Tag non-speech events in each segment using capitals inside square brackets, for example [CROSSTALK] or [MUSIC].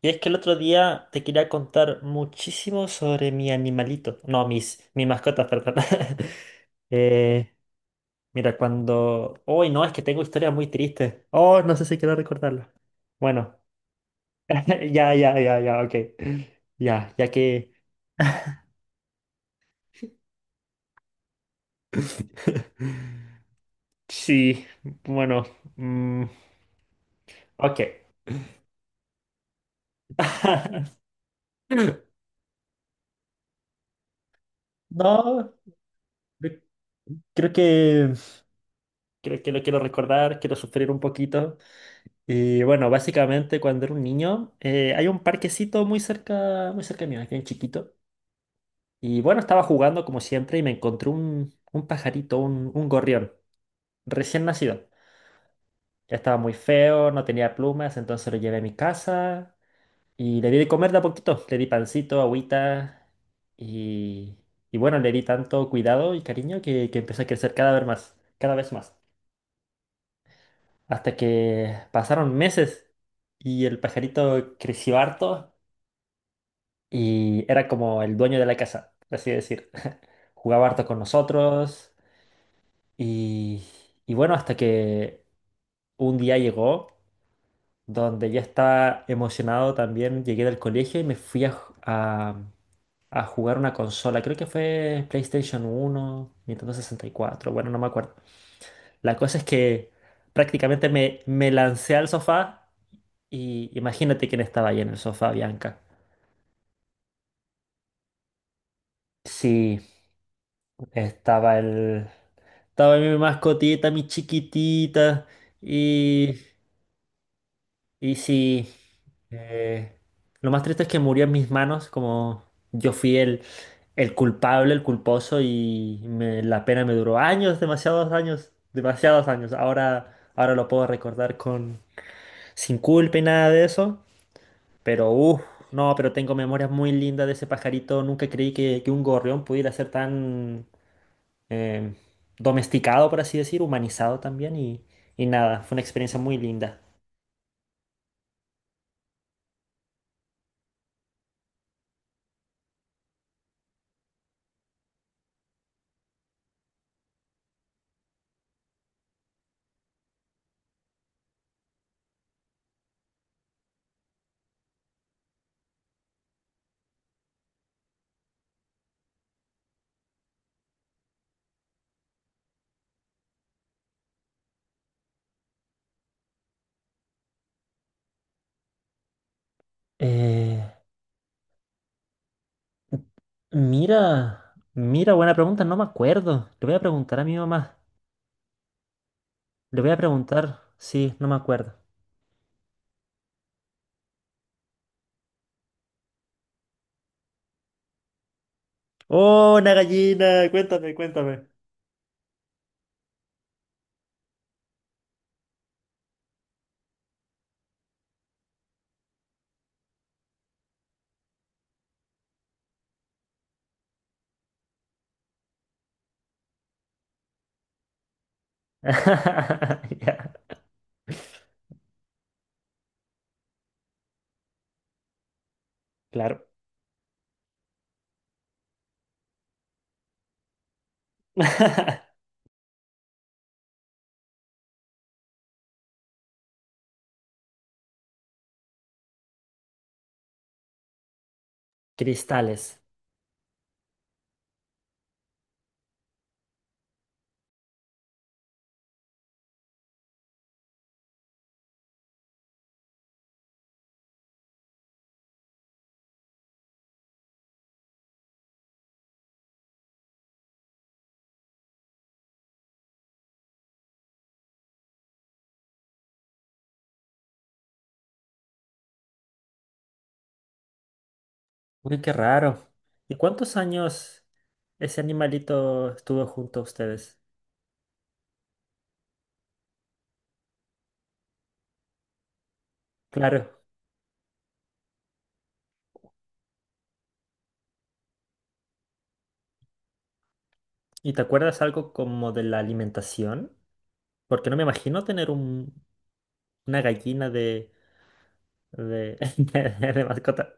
Y es que el otro día te quería contar muchísimo sobre mi animalito. No, mis mascotas, perdón. [LAUGHS] Eh, mira, cuando... Uy, no, es que tengo historias muy tristes. Oh, no sé si quiero recordarlas. Bueno, [LAUGHS] ya, ya, ya, ya, ok. Ya, ya que... [LAUGHS] Sí, bueno. Mm, ok. [LAUGHS] No, creo que... Creo que lo quiero recordar, quiero sufrir un poquito. Y bueno, básicamente cuando era un niño, hay un parquecito muy cerca mío, aquí en chiquito. Y bueno, estaba jugando como siempre y me encontré un pajarito, un gorrión, recién nacido. Ya estaba muy feo, no tenía plumas, entonces lo llevé a mi casa y le di de comer de a poquito. Le di pancito, agüita y, y bueno, le di tanto cuidado y cariño que empezó a crecer cada vez más, cada vez más. Hasta que pasaron meses y el pajarito creció harto. Y era como el dueño de la casa, por así decir. [LAUGHS] Jugaba harto con nosotros y, y bueno, hasta que un día llegó donde ya estaba emocionado también, llegué del colegio y me fui a jugar una consola, creo que fue PlayStation 1, Nintendo 64, bueno, no me acuerdo. La cosa es que prácticamente me lancé al sofá y imagínate quién estaba ahí en el sofá, Bianca. Sí, estaba el... Estaba mi mascotita, mi chiquitita. Y, y sí, eh, lo más triste es que murió en mis manos, como yo fui el culpable, el culposo, y la pena me duró años, demasiados años, demasiados años. Ahora lo puedo recordar con sin culpa y nada de eso. Pero, uff, no, pero tengo memorias muy lindas de ese pajarito. Nunca creí que, un gorrión pudiera ser tan... eh, domesticado, por así decir, humanizado también y nada, fue una experiencia muy linda. Eh, mira, mira, buena pregunta, no me acuerdo. Le voy a preguntar a mi mamá, le voy a preguntar, sí, no me acuerdo. ¡Oh, una gallina! Cuéntame, cuéntame. [LAUGHS] Ya, claro. [LAUGHS] Cristales. Uy, qué raro. ¿Y cuántos años ese animalito estuvo junto a ustedes? Claro. ¿Y te acuerdas algo como de la alimentación? Porque no me imagino tener una gallina de, [LAUGHS] de mascota.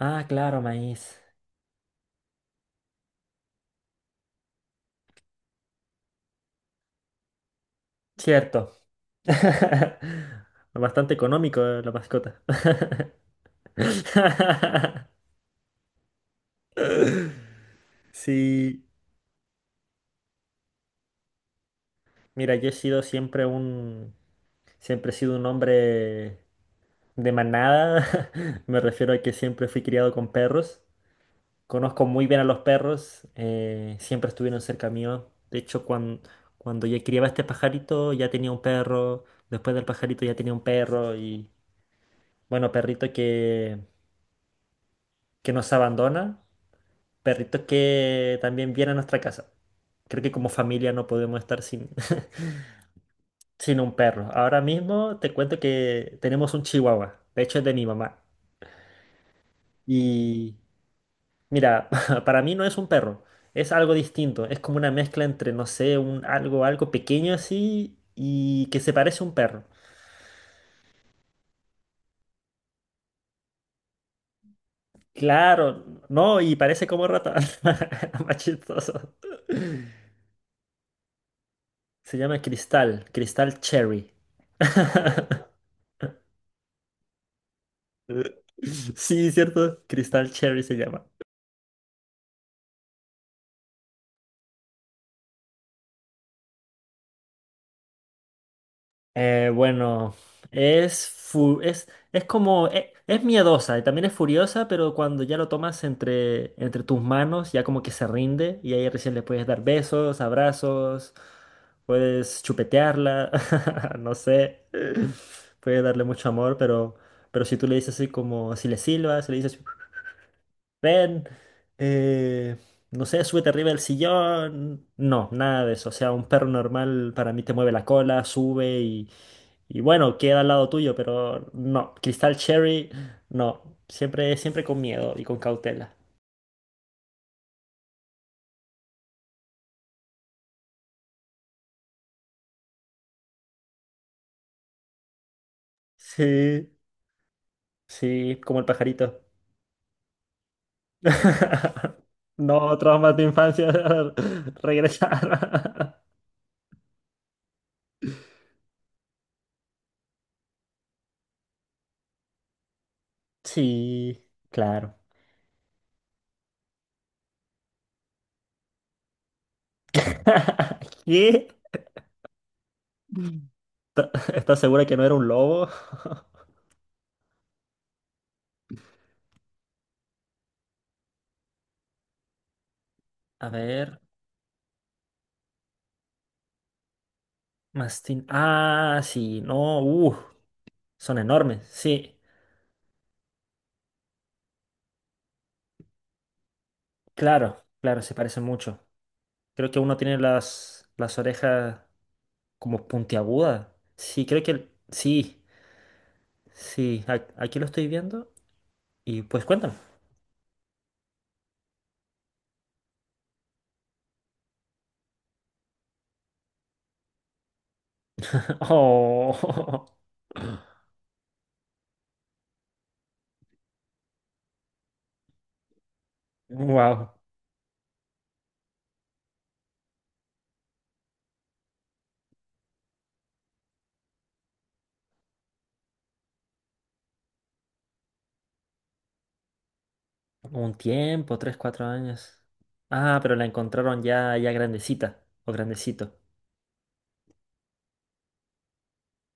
Ah, claro, maíz. Cierto. [LAUGHS] Bastante económico, la mascota. [LAUGHS] Sí. Mira, yo he sido siempre un... Siempre he sido un hombre de manada. [LAUGHS] Me refiero a que siempre fui criado con perros. Conozco muy bien a los perros, siempre estuvieron cerca mío. De hecho, cuando ya criaba este pajarito, ya tenía un perro. Después del pajarito ya tenía un perro. Y bueno, perrito que nos abandona, perrito que también viene a nuestra casa. Creo que como familia no podemos estar sin, [LAUGHS] sin un perro. Ahora mismo te cuento que tenemos un chihuahua, de hecho es de mi mamá. Y mira, [LAUGHS] para mí no es un perro, es algo distinto, es como una mezcla entre, no sé, un algo, algo pequeño así y que se parece a un perro. Claro, no, y parece como rata, [LAUGHS] más chistoso. Se llama Cristal, Cristal Cherry. [LAUGHS] Sí, ¿cierto? Cristal Cherry se llama. Bueno, es, fu- es como, e- es, miedosa y también es furiosa, pero cuando ya lo tomas entre tus manos, ya como que se rinde y ahí recién le puedes dar besos, abrazos, puedes chupetearla, [LAUGHS] no sé, puedes darle mucho amor, pero, si tú le dices así como, si le silbas, si le dices ven, eh, no sé, súbete arriba del sillón. No, nada de eso. O sea, un perro normal para mí te mueve la cola, sube y bueno, queda al lado tuyo, pero no, Cristal Cherry, no, siempre, siempre con miedo y con cautela. Sí, sí, como el pajarito. [LAUGHS] No, traumas de infancia [LAUGHS] regresar. [LAUGHS] Sí, claro. [LAUGHS] ¿Qué? ¿Estás segura que no era un lobo? [LAUGHS] A ver. Mastín. Ah, sí, no, son enormes, sí, claro, claro, se parecen mucho. Creo que uno tiene las orejas como puntiagudas. Sí, creo que, sí, sí, aquí lo estoy viendo y pues cuéntame. [LAUGHS] Oh, [LAUGHS] wow, un tiempo, 3, 4 años. Ah, pero la encontraron ya, ya grandecita o grandecito.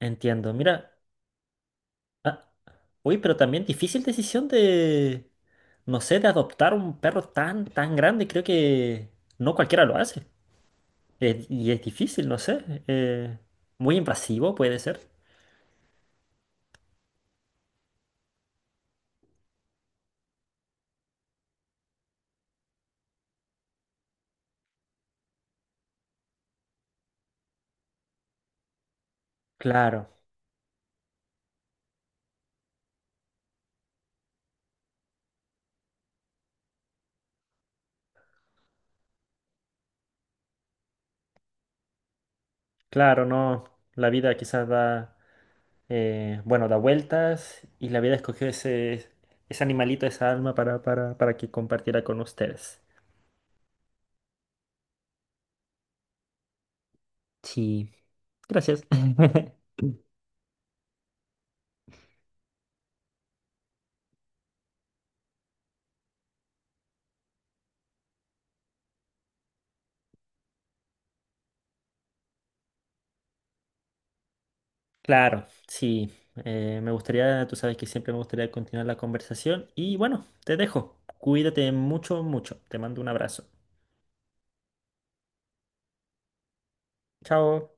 Entiendo, mira. ah, Uy, pero también difícil decisión de, no sé, de adoptar un perro tan, tan grande. Creo que no cualquiera lo hace. Y es difícil, no sé. Muy invasivo puede ser. Claro, claro, no. La vida quizás da, bueno, da vueltas y la vida escogió ese animalito, esa alma para, para que compartiera con ustedes. Sí, gracias. [LAUGHS] Claro, sí. Me gustaría, tú sabes que siempre me gustaría continuar la conversación y bueno, te dejo. Cuídate mucho, mucho. Te mando un abrazo. Chao.